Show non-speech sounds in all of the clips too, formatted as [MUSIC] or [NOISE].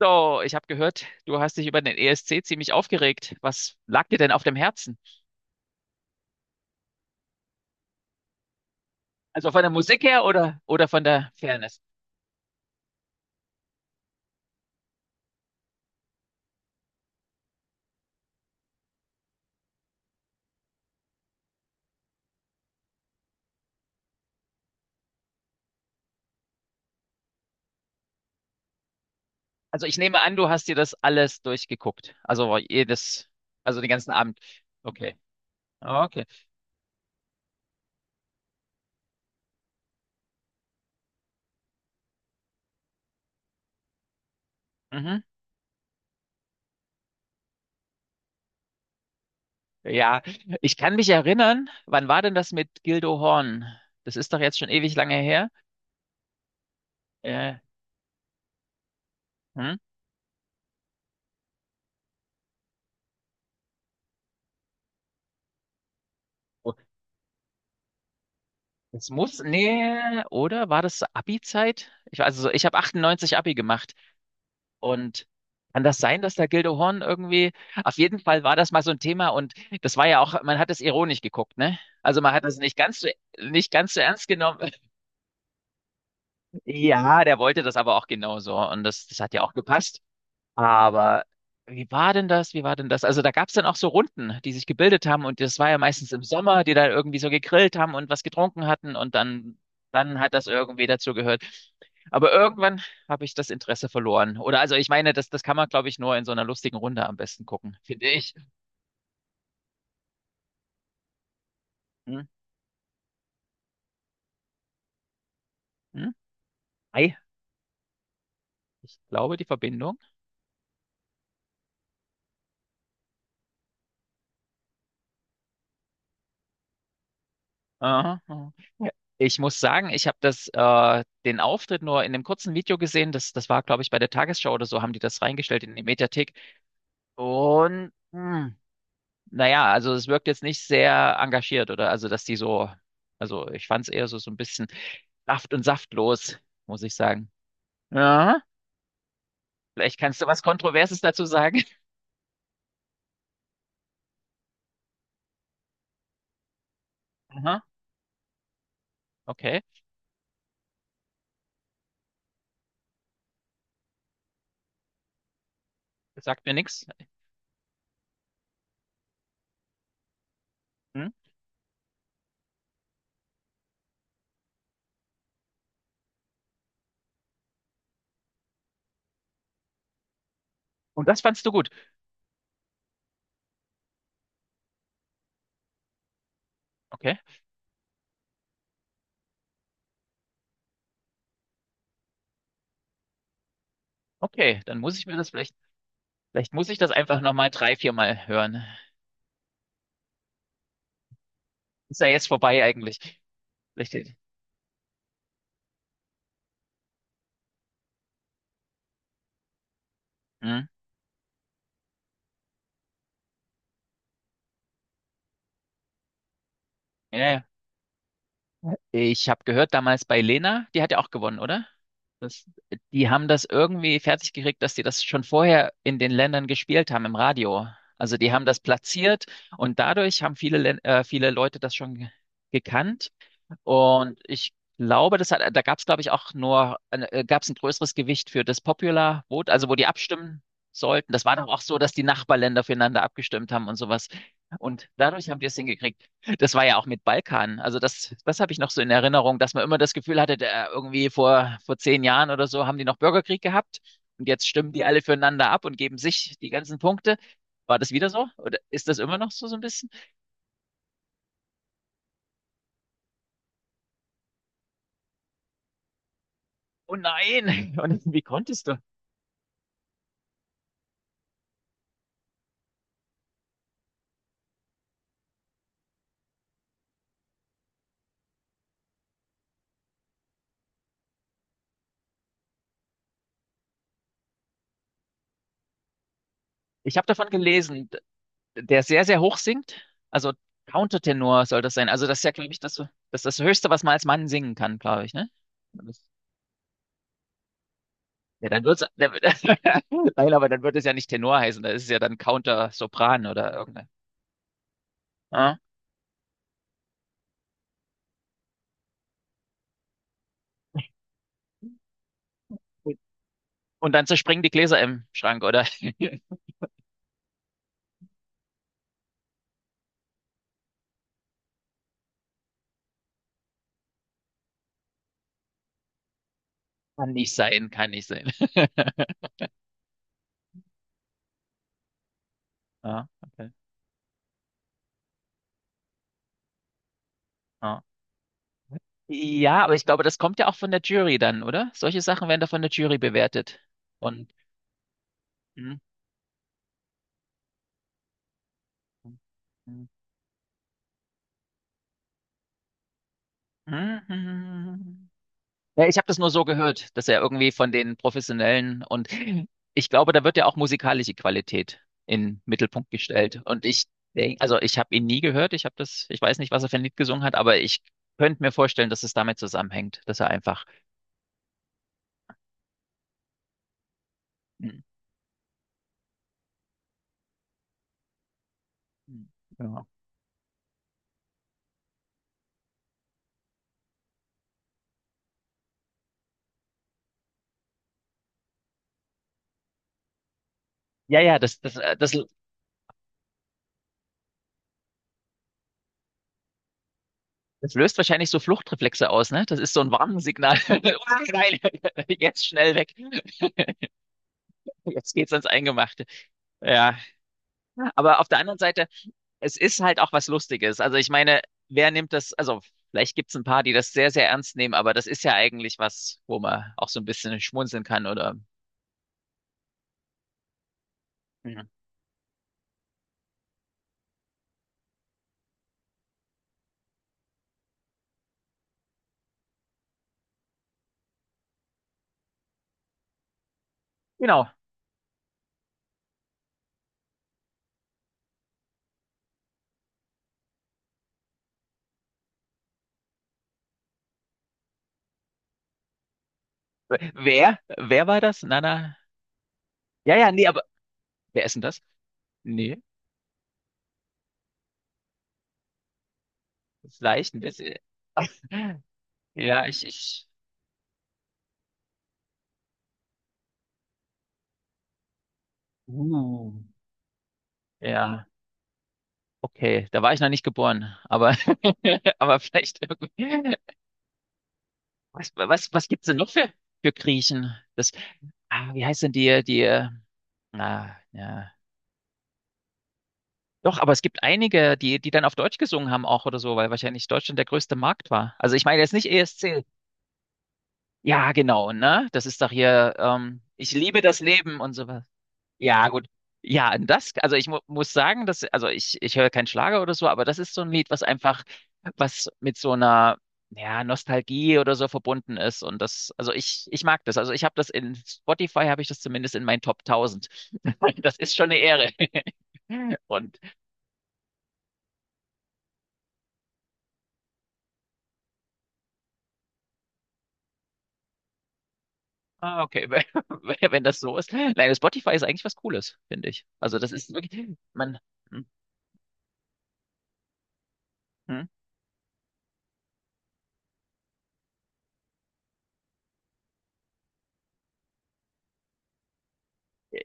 So, ich habe gehört, du hast dich über den ESC ziemlich aufgeregt. Was lag dir denn auf dem Herzen? Also von der Musik her oder von der Fairness? Also ich nehme an, du hast dir das alles durchgeguckt. Also den ganzen Abend. Okay. Okay. Mhm. Ja, ich kann mich erinnern, wann war denn das mit Gildo Horn? Das ist doch jetzt schon ewig lange her. Äh, hm? Oh. Nee, oder war das Abi-Zeit? Also ich habe 98 Abi gemacht. Und kann das sein, dass der Gildehorn irgendwie, auf jeden Fall war das mal so ein Thema und das war ja auch, man hat es ironisch geguckt, ne? Also man hat es nicht ganz so ernst genommen. [LAUGHS] Ja, der wollte das aber auch genauso und das hat ja auch gepasst. Aber wie war denn das? Wie war denn das? Also da gab es dann auch so Runden, die sich gebildet haben, und das war ja meistens im Sommer, die dann irgendwie so gegrillt haben und was getrunken hatten und dann hat das irgendwie dazu gehört. Aber irgendwann habe ich das Interesse verloren. Oder also ich meine, das kann man, glaube ich, nur in so einer lustigen Runde am besten gucken, finde ich. Hm? Hm? Ei, ich glaube, die Verbindung. Aha. Aha. Ja. Ich muss sagen, ich habe das den Auftritt nur in einem kurzen Video gesehen. Das war, glaube ich, bei der Tagesschau oder so, haben die das reingestellt in die Mediathek. Und naja, also es wirkt jetzt nicht sehr engagiert, oder? Also, ich fand es eher so, so ein bisschen saft- und saftlos, muss ich sagen. Ja, vielleicht kannst du was Kontroverses dazu sagen. [LAUGHS] Aha, okay, das sagt mir nichts. Hm? Und das fandst du gut. Okay, okay, dann muss ich mir das vielleicht, vielleicht muss ich das einfach nochmal drei, viermal hören. Ist ja jetzt vorbei eigentlich. Vielleicht, hm? Ja, ja. Ich habe gehört, damals bei Lena, die hat ja auch gewonnen, oder? Das, die haben das irgendwie fertig gekriegt, dass die das schon vorher in den Ländern gespielt haben im Radio. Also die haben das platziert, und dadurch haben viele Leute das schon gekannt. Und ich glaube, da gab es, glaube ich, auch nur, gab es ein größeres Gewicht für das Popular Vote, also wo die abstimmen sollten. Das war doch auch so, dass die Nachbarländer füreinander abgestimmt haben und sowas. Und dadurch haben wir es hingekriegt. Das war ja auch mit Balkan. Also das, das habe ich noch so in Erinnerung, dass man immer das Gefühl hatte, der, irgendwie vor 10 Jahren oder so haben die noch Bürgerkrieg gehabt, und jetzt stimmen die alle füreinander ab und geben sich die ganzen Punkte. War das wieder so? Oder ist das immer noch so, so ein bisschen? Oh nein! [LAUGHS] Und wie konntest du? Ich habe davon gelesen. Der sehr, sehr hoch singt. Also Countertenor soll das sein. Also das ist ja, glaube ich, das Höchste, was man als Mann singen kann, glaube ich, ne? Das, ja, dann wird's, dann, wird- [LAUGHS] Nein, aber dann wird es ja nicht Tenor heißen, da ist es ja dann Counter-Sopran oder irgendeine. Ja? Und dann zerspringen die Gläser im Schrank, oder? [LAUGHS] Kann nicht sein, kann nicht sein. [LAUGHS] Ja, okay. Ja. Ja, aber ich glaube, das kommt ja auch von der Jury dann, oder? Solche Sachen werden da von der Jury bewertet. Und. Mhm. Mhm. Ja, ich habe das nur so gehört, dass er irgendwie von den Professionellen, und ich glaube, da wird ja auch musikalische Qualität in den Mittelpunkt gestellt. Und ich denk, also ich habe ihn nie gehört, ich weiß nicht, was er für ein Lied gesungen hat, aber ich könnte mir vorstellen, dass es damit zusammenhängt, dass er einfach Hm, hm, ja, ja, ja, das löst wahrscheinlich so Fluchtreflexe aus, ne? Das ist so ein Warnsignal. [LAUGHS] Oh nein, [LAUGHS] jetzt schnell weg. Jetzt geht's ans Eingemachte. Ja. Aber auf der anderen Seite, es ist halt auch was Lustiges. Also ich meine, wer nimmt das, also vielleicht gibt's ein paar, die das sehr, sehr ernst nehmen, aber das ist ja eigentlich was, wo man auch so ein bisschen schmunzeln kann oder ja. Genau. Wer? Wer war das? Nana? Ja, ja, nee, aber wer ist denn das? Nee, vielleicht ein bisschen. Ja, ich. Uh. Ja, okay. Da war ich noch nicht geboren, aber [LAUGHS] aber vielleicht irgendwie. Was gibt's denn noch für, Griechen? Wie heißt denn die, ah, ja. Doch, aber es gibt einige, die, die dann auf Deutsch gesungen haben auch oder so, weil wahrscheinlich Deutschland der größte Markt war. Also ich meine jetzt nicht ESC. Ja, genau, ne? Das ist doch hier, ich liebe das Leben und so. Ja, gut. Ja, und das, also ich mu muss sagen, dass, also ich höre keinen Schlager oder so, aber das ist so ein Lied, was einfach, was mit so einer, ja, Nostalgie oder so verbunden ist. Und das, also ich mag das. Also ich habe das in Spotify, habe ich das zumindest in meinen Top 1000. [LAUGHS] Das ist schon eine Ehre. [LAUGHS] Und, ah, okay, [LAUGHS] wenn das so ist. Nein, Spotify ist eigentlich was Cooles, finde ich. Also das ist wirklich, man, hm, hm.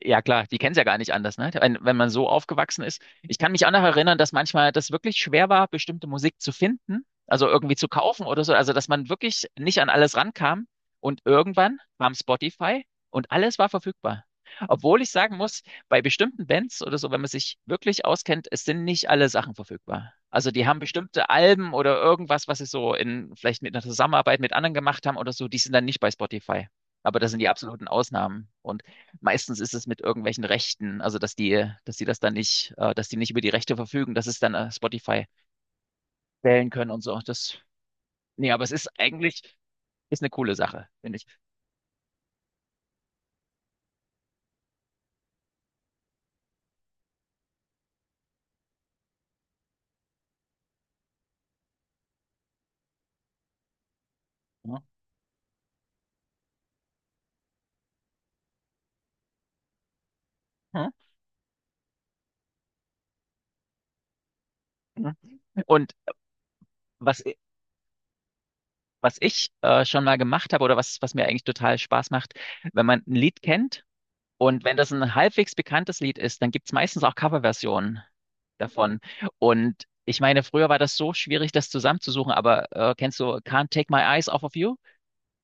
Ja, klar, die kennen es ja gar nicht anders, ne? Wenn man so aufgewachsen ist. Ich kann mich auch noch erinnern, dass manchmal das wirklich schwer war, bestimmte Musik zu finden, also irgendwie zu kaufen oder so. Also, dass man wirklich nicht an alles rankam. Und irgendwann kam Spotify, und alles war verfügbar. Obwohl ich sagen muss, bei bestimmten Bands oder so, wenn man sich wirklich auskennt, es sind nicht alle Sachen verfügbar. Also, die haben bestimmte Alben oder irgendwas, was sie so in, vielleicht mit einer Zusammenarbeit mit anderen gemacht haben oder so, die sind dann nicht bei Spotify. Aber das sind die absoluten Ausnahmen. Und meistens ist es mit irgendwelchen Rechten, also dass die das dann nicht, dass die nicht über die Rechte verfügen, dass es dann Spotify wählen können und so. Das, nee, aber es ist eigentlich, ist eine coole Sache, finde ich. Ja. Hm. Hm. Und was, i- was ich schon mal gemacht habe oder was, was mir eigentlich total Spaß macht, wenn man ein Lied kennt und wenn das ein halbwegs bekanntes Lied ist, dann gibt es meistens auch Coverversionen davon. Und ich meine, früher war das so schwierig, das zusammenzusuchen, aber kennst du Can't Take My Eyes Off of You?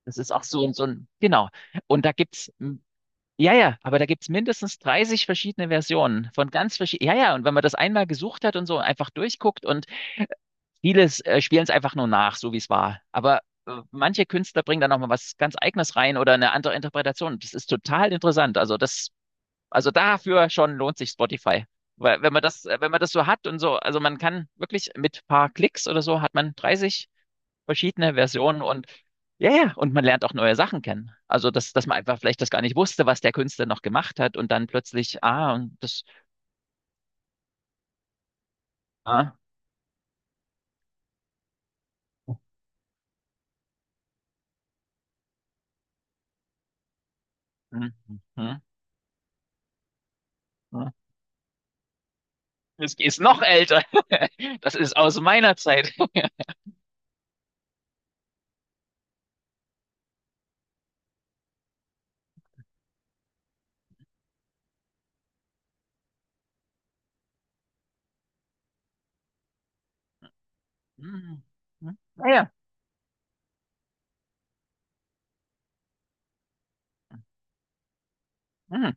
Das ist auch so 'n genau. Und da gibt's ja, ja, aber da gibt's mindestens 30 verschiedene Versionen von ganz verschie ja, ja, und wenn man das einmal gesucht hat und so einfach durchguckt, und vieles, spielen es einfach nur nach, so wie es war. Aber, manche Künstler bringen da noch mal was ganz Eigenes rein oder eine andere Interpretation. Das ist total interessant. Also, dafür schon lohnt sich Spotify. Weil wenn man das so hat und so also, man kann wirklich mit paar Klicks oder so hat man 30 verschiedene Versionen, und ja, ja, und man lernt auch neue Sachen kennen. Also, dass man einfach vielleicht das gar nicht wusste, was der Künstler noch gemacht hat und dann plötzlich, ah, und das, ah, hm, hm, hm, das ist noch älter. [LAUGHS] Das ist aus meiner Zeit. [LAUGHS] Hm, hm, naja. Hm.